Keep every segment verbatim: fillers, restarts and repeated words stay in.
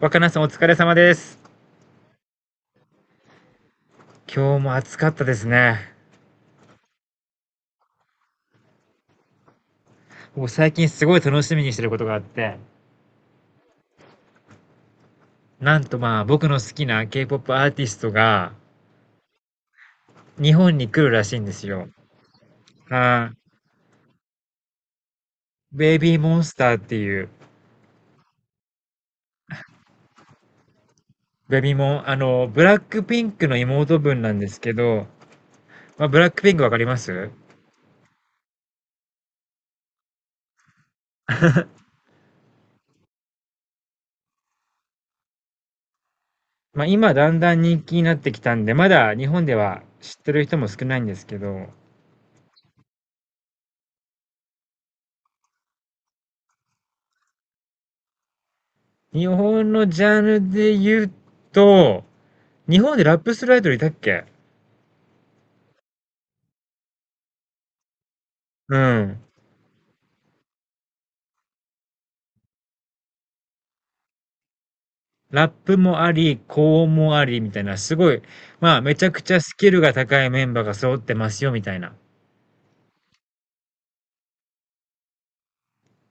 若菜さんお疲れ様です。今日も暑かったですね。もう最近すごい楽しみにしてることがあって、なんとまあ僕の好きな K-ポップ アーティストが日本に来るらしいんですよ。はい。ベイビーモンスターっていう、ベイビーモン、あの、ブラックピンクの妹分なんですけど、まあブラックピンクわかります？まあ今だんだん人気になってきたんで、まだ日本では知ってる人も少ないんですけど、日本のジャンルで言うと、日本でラップするアイドルいたっけ。うん。ラップもあり、高音もありみたいな、すごい、まあ、めちゃくちゃスキルが高いメンバーが揃ってますよみたいな。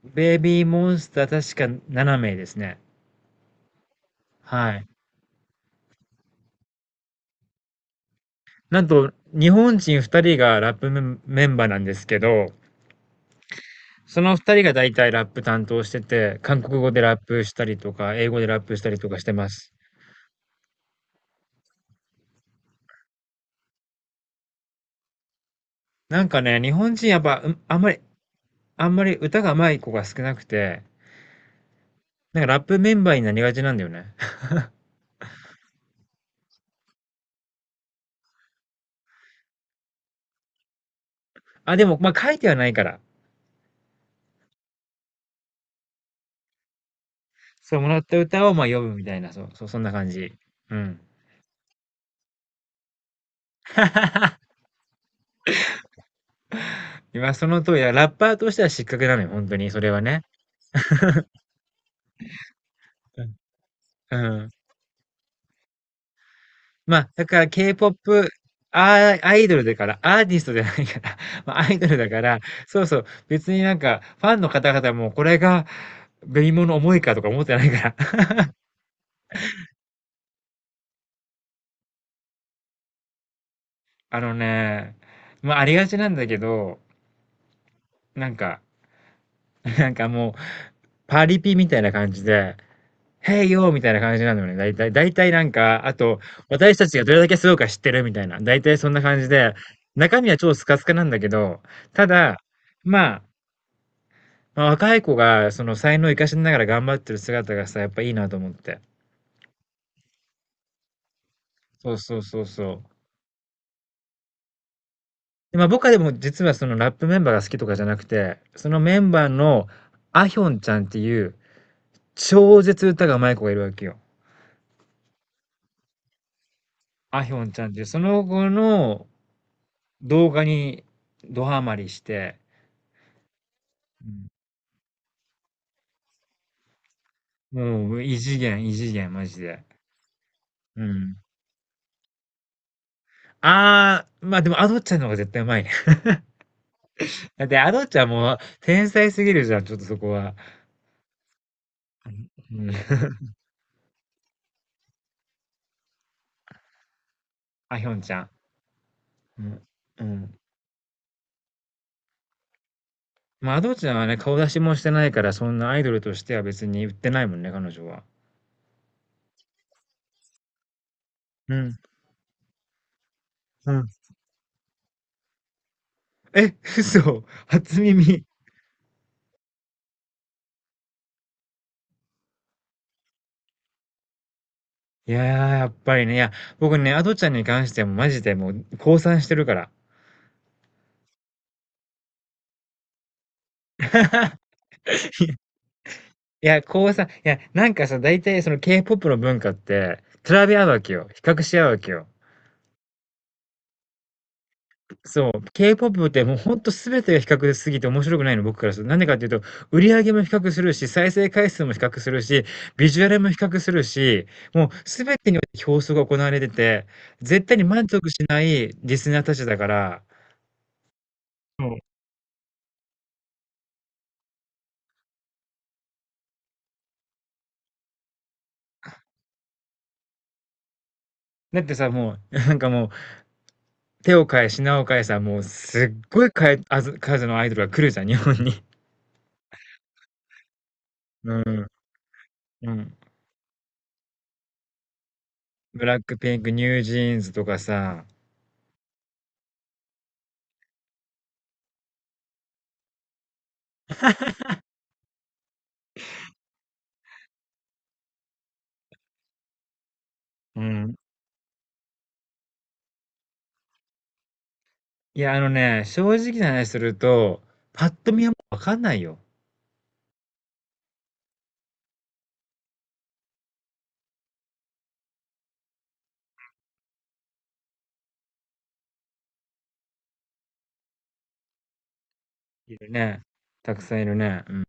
ベイビーモンスター確かななめい名ですね。はい。なんと、日本人ふたりがラップメンメンバーなんですけど、そのふたりがだいたいラップ担当してて、韓国語でラップしたりとか、英語でラップしたりとかしてます。なんかね、日本人やっぱ、うん、あんまり、あんまり歌が上手い子が少なくて、なんかラップメンバーになりがちなんだよね。あ、でも、まあ、書いてはないから。そう、もらった歌をまあ読むみたいな、そう、そう、そんな感じ。うん。今その通りだ。ラッパーとしては失格なのよ、本当に、それはね。うん。うん。まあ、だから K-ポップ、アアイドルだから、アーティストじゃないから、まあ、アイドルだから、そうそう、別になんか、ファンの方々もこれが、紅物重いかとか思ってないから。あのね、まあ、ありがちなんだけど、なんか、なんかもう、パリピみたいな感じで、へいよーみたいな感じなのよね。だいたいだいたいなんか、あと、私たちがどれだけすごいか知ってるみたいな。だいたいそんな感じで、中身は超スカスカなんだけど、ただ、まあ、若い子がその才能を生かしながら頑張ってる姿がさ、やっぱいいなと思って。そうそうそうそう。で、まあ、僕はでも実はそのラップメンバーが好きとかじゃなくて、そのメンバーのアヒョンちゃんっていう超絶歌が上手い子がいるわけよ。アヒョンちゃんっていう、その子の動画にドハマりして。うん。もう、異次元、異次元、マジで。うん。ああ、まあでも、アドッチャの方が絶対うまいね。だって、アドッチャもう、天才すぎるじゃん、ちょっとそこは。うん。あヒョンちゃん。うん。うん。まあ、アドッチャはね、顔出しもしてないから、そんなアイドルとしては別に売ってないもんね、彼女は。うん。うん。え、嘘。初耳。いやー、やっぱりね、いや、僕ね、アドちゃんに関してはもうマジでもう、降参してるから。いや、こうさ、いや、なんかさ、大体その K-ポップ の文化って、比べ合うわけよ。比較し合うわけよ。そう。K-ポップ ってもうほんと全てが比較すぎて面白くないの、僕からすると。なんでかっていうと、売り上げも比較するし、再生回数も比較するし、ビジュアルも比較するし、もう全てにおいて競争が行われてて、絶対に満足しないリスナーたちだから、もう、だってさ、もう、なんかもう、手を変え品を変えさ、もうすっごい変えあず数のアイドルが来るじゃん、日本に。うん、うん。ブラックピンク、ニュージーンズとかさ。うん。いや、あのね、正直な話すると、パッと見はもうわかんないよ。いるね。たくさんいるね。うん。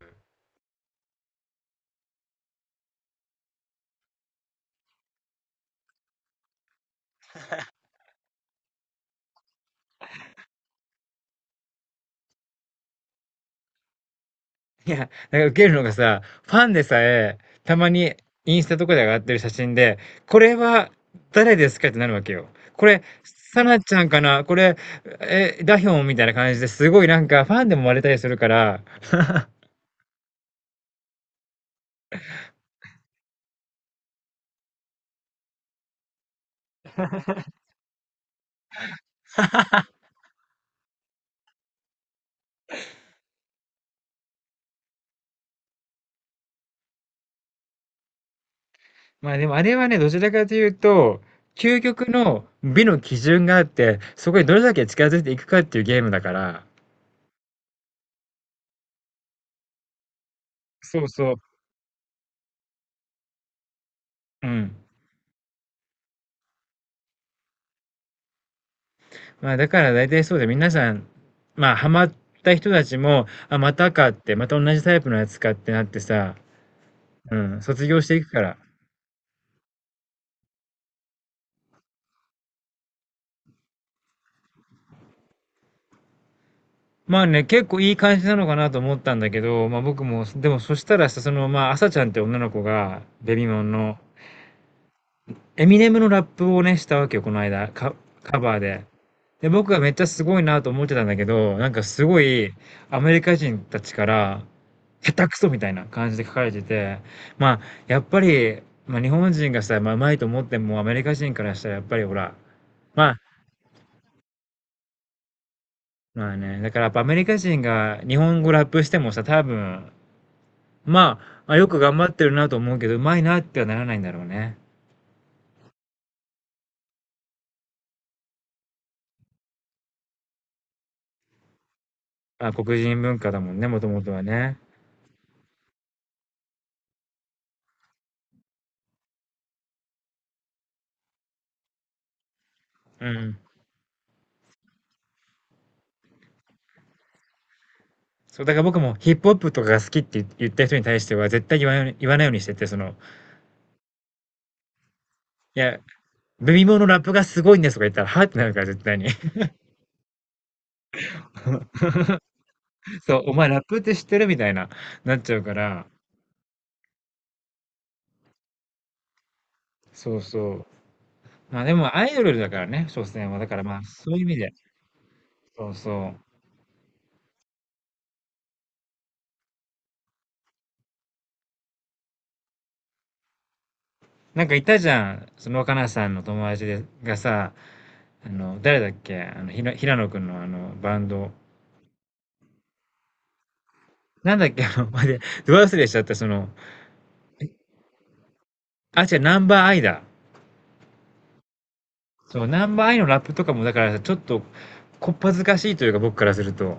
いや、なんかウケるのがさ、ファンでさえ、たまにインスタとかで上がってる写真で、これは誰ですかってなるわけよ。これ、サナちゃんかなこれ、え、ダヒョンみたいな感じですごいなんかファンでも割れたりするから。まあでもあれはね、どちらかというと、究極の美の基準があって、そこにどれだけ近づいていくかっていうゲームだから、そうそう。うん。まあだから大体そうで皆さん、まあハマった人たちも、あ、またかって、また同じタイプのやつかってなってさ、うん、卒業していくから。まあね、結構いい感じなのかなと思ったんだけど、まあ僕も、でもそしたらさ、その、まあ、朝ちゃんって女の子が、ベビモンの、エミネムのラップをね、したわけよ、この間、カ、カバーで。で、僕がめっちゃすごいなと思ってたんだけど、なんかすごい、アメリカ人たちから、下手くそみたいな感じで書かれてて、まあ、やっぱり、まあ日本人がさ、まあ、うまいと思っても、アメリカ人からしたらやっぱりほら、まあ、まあね、だからやっぱアメリカ人が日本語ラップしてもさ、多分、まあ、まあよく頑張ってるなと思うけど、うまいなってはならないんだろうね。まあ、黒人文化だもんね、もともとはね。うん。そう、だから僕もヒップホップとかが好きって言言った人に対しては絶対言わない言わないようにしてて、その、いや、ベビモのラップがすごいんですとか言ったら、は？ってなるから絶対に。そう、お前ラップって知ってる？みたいな、なっちゃうから、そうそう。まあでもアイドルだからね、所詮は。だからまあ、そういう意味で、そうそう。なんかいたじゃん、その、かなさんの友達でがさ、あの、誰だっけ、あの、ひら平野くんのあの、バンド。なんだっけ、あの、まで、ど忘れしちゃった、その、あ、違う、ナンバーアイだ。そう、ナンバーアイのラップとかも、だからちょっと、こっぱずかしいというか、僕からすると。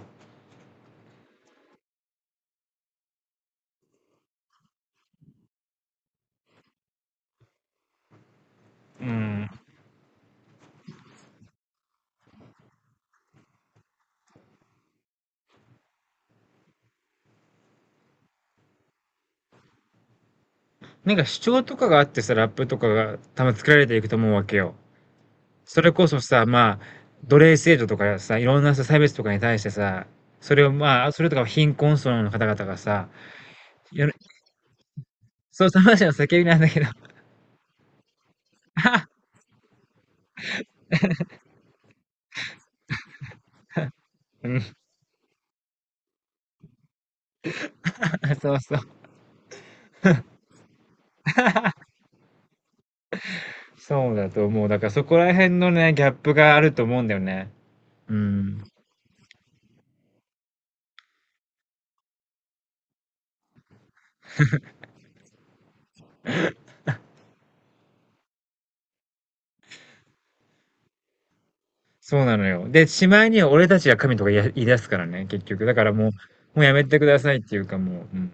うん。なんか主張とかがあってさ、ラップとかが多分作られていくと思うわけよ。それこそさ、まあ、奴隷制度とかさ、いろんなさ、差別とかに対してさ、それをまあ、それとか貧困層の方々がさ、やるそう、その話の叫びなんだけど。うん。そうそう。そうだと思う。だからそこら辺のね、ギャップがあると思うんだよね。うん。そうなのよ。で、しまいには俺たちが神とか言い言い出すからね、結局。だからもう、もうやめてくださいっていうかもう、うん。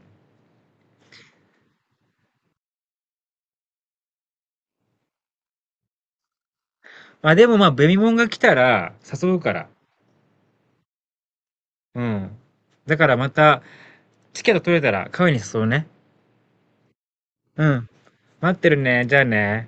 まあでもまあ、ベミモンが来たら誘うから。うん。だからまた、チケット取れたらカフェに誘うね。うん。待ってるね。じゃあね。